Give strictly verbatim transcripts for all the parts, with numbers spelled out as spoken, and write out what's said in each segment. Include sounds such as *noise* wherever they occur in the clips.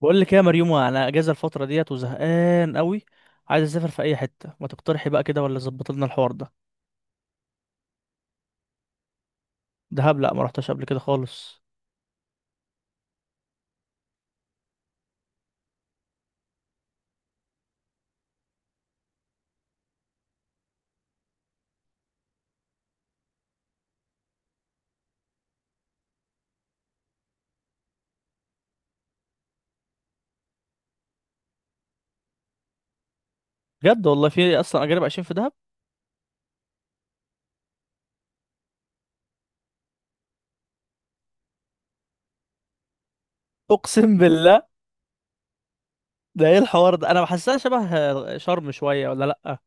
بقول لك إيه يا مريومه، انا اجازه الفتره ديت وزهقان قوي. عايز اسافر في اي حته، ما تقترحي بقى كده ولا ظبط لنا الحوار ده؟ دهب، لا ما رحتش قبل كده خالص. بجد؟ والله في اصلا اجانب عايشين في دهب؟ اقسم بالله؟ ده ايه الحوار ده؟ انا بحسها شبه شرم شويه ولا لا؟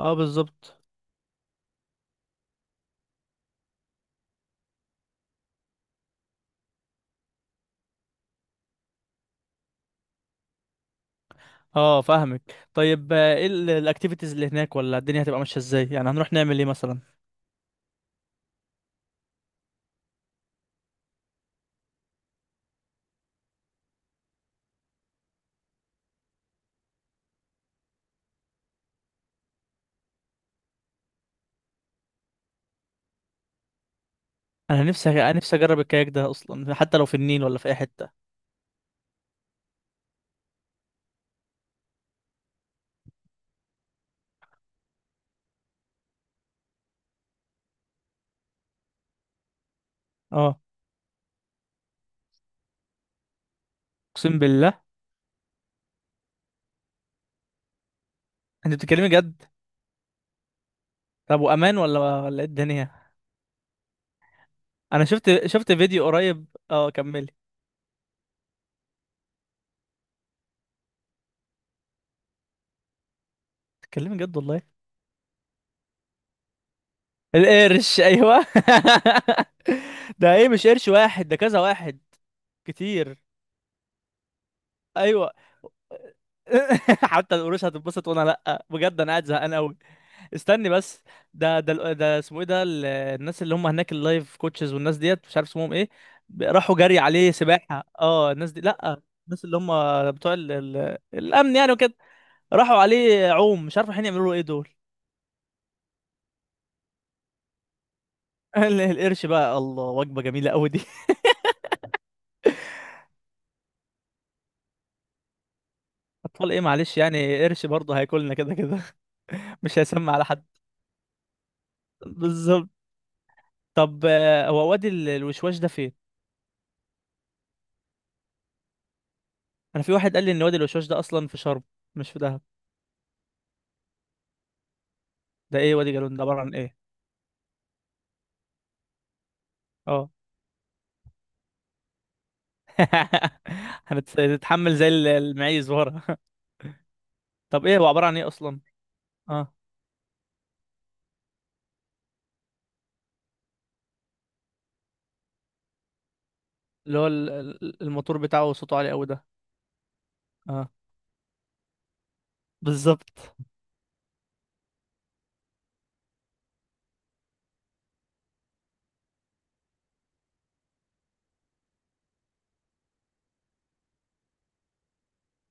اه بالظبط. اه فاهمك. طيب آه، ايه الاكتيفيتيز اللي هناك ولا الدنيا هتبقى ماشيه ازاي؟ يعني هنروح نعمل ايه مثلا؟ انا نفسي انا نفسي اجرب الكاياك ده اصلا، حتى لو في النيل ولا في اي حته. اه. اقسم بالله. انت بتتكلمي جد؟ طب وامان ولا ولا ايه الدنيا؟ انا شفت شفت فيديو قريب. اه، كملي. تتكلمي جد والله؟ القرش، ايوه. *laughs* ده ايه؟ مش قرش واحد، ده كذا واحد. كتير. ايوه. *laughs* حتى القروش هتتبسط وانا لا. بجد انا قاعد زهقان قوي. استني بس. ده ده ال- ده اسمه ايه؟ ده ال- الناس اللي هم هناك اللايف كوتشز والناس ديت، مش عارف اسمهم ايه. ب- راحوا جري عليه سباحة. اه الناس دي، لا. الناس اللي هم بتوع ال... ال... الامن يعني وكده. راحوا عليه عوم، مش عارف الحين يعملوا له ايه دول. ال- القرش بقى الله، وجبة جميلة قوي دي. *laughs* اطفال ايه؟ معلش، يعني قرش برضه هياكلنا كده كده. *laughs* مش هيسمع على حد. بالظبط. طب، آه، هو وادي ال- الوشواش ده فين؟ انا في واحد قال لي ان وادي الوشواش ده اصلا في شرم. مش في دهب. ده ايه وادي جالون ده؟ عبارة عن ايه؟ اه. *laughs* هنتحمل زي ال- المعيز ورا. *laughs* طب ايه هو عبارة عن ايه اصلا؟ اه. اللي هو ال- ال- الموتور بتاعه صوته عالي قوي ده. اه بالظبط،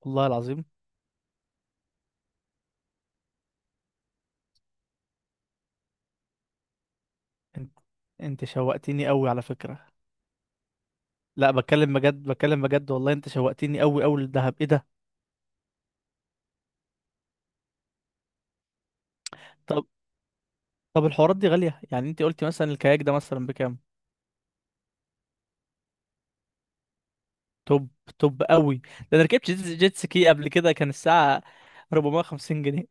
والله العظيم. انت انت شوقتني قوي على فكرة. لا بتكلم بجد، بتكلم بجد والله. انت شوقتني قوي قوي للدهب، ايه ده؟ طب، طب الحوارات دي غالية، يعني انت قلتي مثلا الكاياك ده مثلا بكام؟ توب. توب قوي. ده انا ركبت جيت, جيت سكي قبل كده كان الساعة أربعمائة وخمسين جنيه.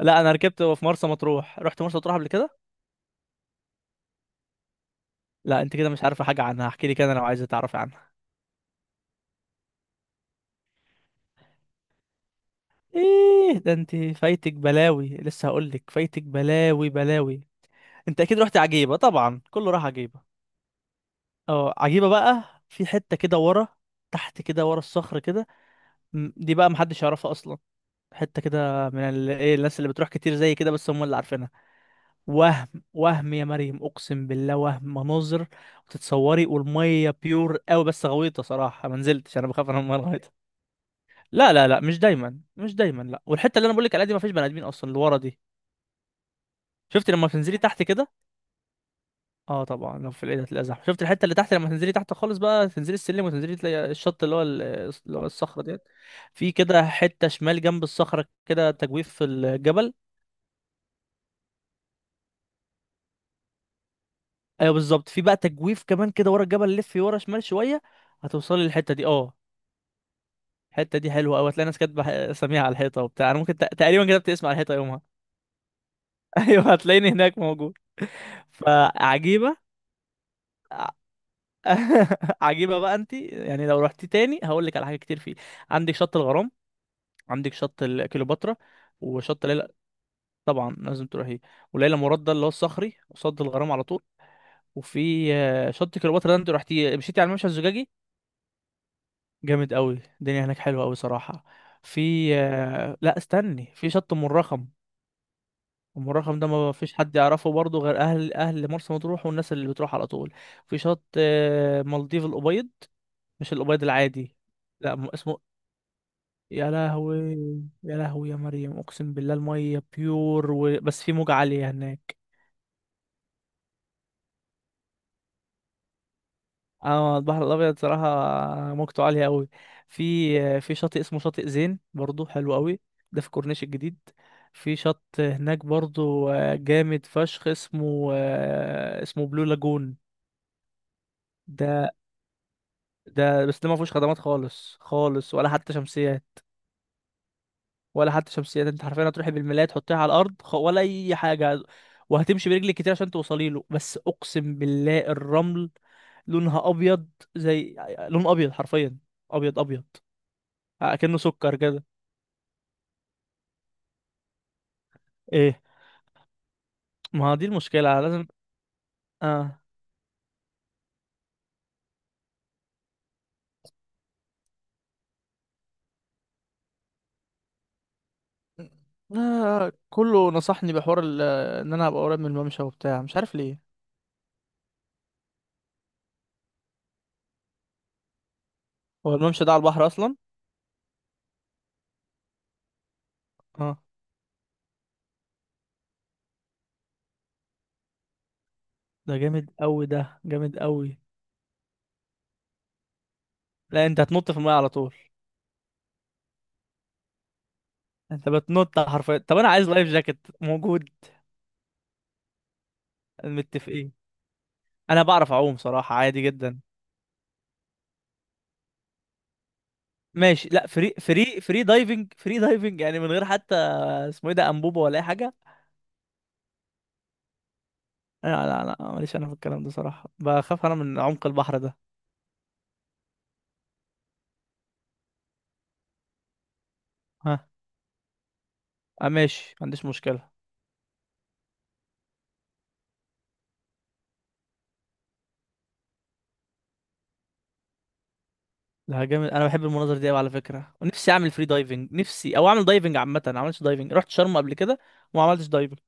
لا انا ركبت في مرسى مطروح، رحت مرسى مطروح قبل كده. لا انت كده مش عارفة حاجة عنها، احكي لي كده لو عايزة تعرفي عنها. ايه ده؟ انت فايتك بلاوي، لسه هقول لك فايتك بلاوي بلاوي. انت اكيد رحت عجيبة، طبعا كله راح عجيبة. اه عجيبة بقى، في حتة كده ورا. تحت كده ورا الصخر كده. م، دي بقى محدش يعرفها اصلا. حته كده من ال... ايه، الناس اللي بتروح كتير زي كده بس هم اللي عارفينها. وهم. وهم يا مريم اقسم بالله، وهم مناظر. وتتصوري، والميه بيور قوي بس غويطه صراحه، ما نزلتش. انا بخاف انا من الميه الغويطه. لا لا لا، مش دايما مش دايما. لا، والحته اللي انا بقول لك عليها دي ما فيش بني ادمين اصلا اللي ورا دي. شفت لما تنزلي تحت كده؟ اه طبعا، لو في العيد هتلاقي زحمه. شفت الحته اللي تحت لما تنزلي تحت خالص بقى؟ تنزلي السلم وتنزلي تلاقي الشط اللي هو ال- اللي هو الصخره ديت. في كده حته شمال جنب الصخره كده، تجويف في الجبل. ايوه بالظبط، في بقى تجويف كمان كده ورا الجبل، لف ورا شمال شويه. هتوصلي للحته دي، اه. الحته دي حلوه قوي، هتلاقي ناس كاتبه ح- اساميها على الحيطه وبتاع. انا ممكن تق- تقريبا كتبت اسمي على الحيطه يومها. *laughs* ايوه، هتلاقيني هناك موجود. فعجيبه. ع- *laughs* عجيبه بقى، انت يعني لو رحتي تاني هقول لك على حاجه كتير فيه. عندك شط الغرام. عندك شط ال- كليوباترا. وشط ليلى. طبعا لازم تروحيه. وليلى مراد ده اللي هو الصخري قصاد الغرام على طول. وفي آه، شط كليوباترا ده، انت رحتي مشيتي على الممشى الزجاجي؟ جامد قوي، الدنيا هناك حلوه قوي صراحه. في آه، لا استني، في شط ام الرخم. ام الرخم ده ما فيش حد يعرفه برضه غير اهل اهل مرسى مطروح والناس اللي بتروح على طول. في شط آه، مالديف الابيض. مش الابيض العادي. لا م- اسمه. يا لهوي. يا لهوي يا مريم اقسم بالله، الميه بيور و... بس في موجة عاليه هناك. اه البحر الابيض صراحه. موجته عاليه قوي. في في شاطئ اسمه شاطئ زين برضو حلو قوي. ده في كورنيش الجديد. في شط هناك برضو آه، جامد فشخ، اسمه آه، اسمه بلو لاجون. ده. ده بس ده ما فيهوش خدمات خالص خالص، ولا حتى شمسيات. ولا حتى شمسيات، انت حرفيا هتروحي بالملاية تحطيها على الارض، خ- ولا اي حاجه. وهتمشي برجلك كتير عشان توصلي له، بس اقسم بالله الرمل. لونها ابيض. زي آه، لون ابيض حرفيا. ابيض ابيض. اكنه سكر كده. ايه؟ ما هو دي المشكله لازم. اه لا، كله نصحني بحوار ال- ان انا ابقى قريب من الممشى وبتاع، مش عارف ليه. هو الممشى ده على البحر اصلا؟ اه. ده جامد قوي ده. جامد قوي. لا، انت هتنط في الميه على طول. انت بتنط حرفيا. طب انا عايز لايف جاكيت موجود؟ متفقين. انا بعرف اعوم صراحه، عادي جدا. ماشي، لا فري فري فري دايفنج فري دايفنج يعني، من غير حتى. اسمه ايه ده، انبوبه ولا اي حاجه؟ لا لا لا، ماليش انا في الكلام ده صراحه، بخاف انا من عمق البحر ده. آه ماشي، ما عنديش مشكلة. ده جامد، انا بحب المناظر دي قوي على فكرة. ونفسي اعمل فري دايفنج، نفسي او اعمل دايفنج عامة. انا ما عملتش دايفنج، رحت شرم قبل كده. وما عملتش دايفنج.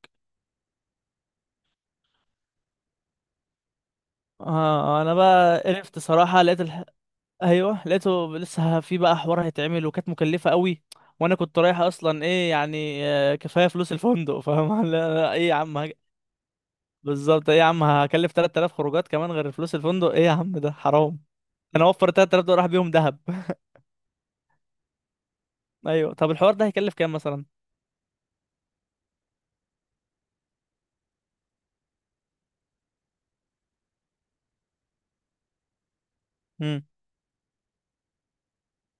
اه انا بقى قرفت صراحة، لقيت الح... ايوه لقيته، لسه في بقى حوار هيتعمل، وكانت مكلفة قوي. وانا كنت رايح اصلا، ايه يعني آه، كفاية فلوس الفندق فاهم. *laughs* لا- لا، ايه يا عم هج- بالظبط، ايه يا عم هكلف تلات تلاف خروجات كمان غير فلوس الفندق، ايه يا عم ده حرام. انا اوفر ثلاثة آلاف دول راح بيهم دهب. *laughs* ايوه، طب الحوار ده هيكلف كام مثلا؟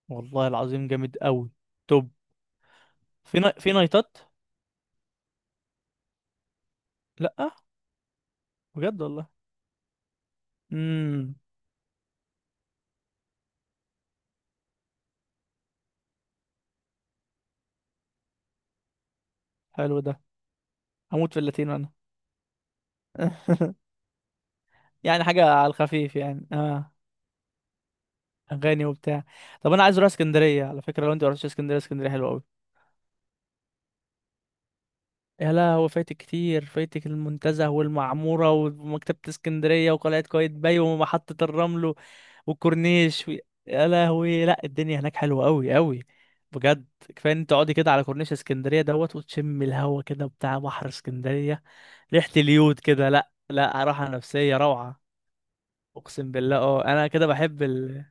والله العظيم جامد قوي. طب، في نا... في نايتات؟ لا بجد والله. امم. حلو ده. هموت في اللاتينو انا. *laughs* يعني حاجه على الخفيف يعني، اه. اغاني وبتاع. طب انا عايز اروح اسكندريه على فكره، لو انت ما رحتش اسكندريه. اسكندريه حلوه قوي. يا لا، هو فايتك كتير، فايتك المنتزه والمعموره ومكتبه اسكندريه وقلعه قايتباي ومحطه الرمل. والكورنيش و... يا لهوي، لا الدنيا هناك حلوه قوي قوي. بجد. كفايه ان انت تقعدي كده على كورنيش اسكندريه دوت، وتشم الهوا كده بتاع بحر اسكندريه. ريحه اليود كده، لا لا، راحه نفسيه روعه. اقسم بالله، اه انا كده بحب ال...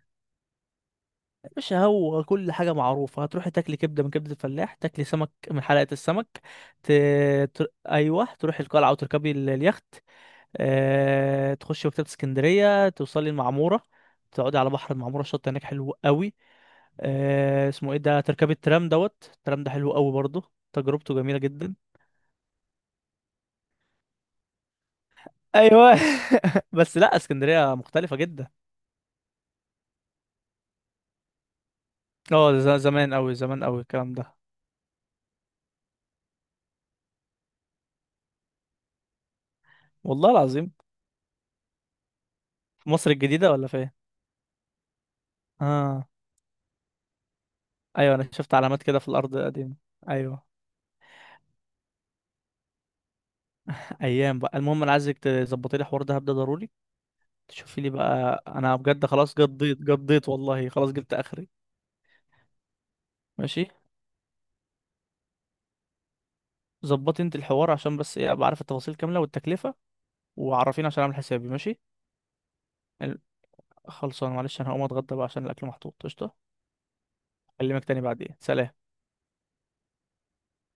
مش هو كل حاجه معروفه، هتروحي تاكلي كبده من كبده الفلاح، تاكلي سمك من حلقه السمك. ت... تر... ايوه، تروحي القلعه وتركبي ال- اليخت. أه... تخشي مكتبه اسكندريه، توصلي المعموره. تقعدي على بحر المعموره، الشط هناك حلو قوي. آه اسمه ايه ده، تركبي الترام دوت. الترام ده حلو قوي برضه، تجربته جميلة جدا. ايوه. *laughs* بس لا، اسكندرية مختلفة جدا. اه، ده ز- زمان قوي زمان قوي الكلام ده. والله العظيم. في مصر الجديدة ولا فين؟ اه. ايوه، انا شفت علامات كده في الارض القديمة. ايوه. ايام بقى. المهم، انا عايزك تظبطي لي حوار دهب ده ضروري. تشوفي لي بقى، انا بجد خلاص قضيت قضيت والله، خلاص جبت اخري. ماشي. ظبطي انت الحوار عشان بس ايه، ابقى عارف التفاصيل كاملة والتكلفة. وعرفيني عشان اعمل حسابي، ماشي. خلصان، معلش انا هقوم اتغدى بقى عشان الاكل محطوط، قشطه. اكلمك تاني بعدين، سلام.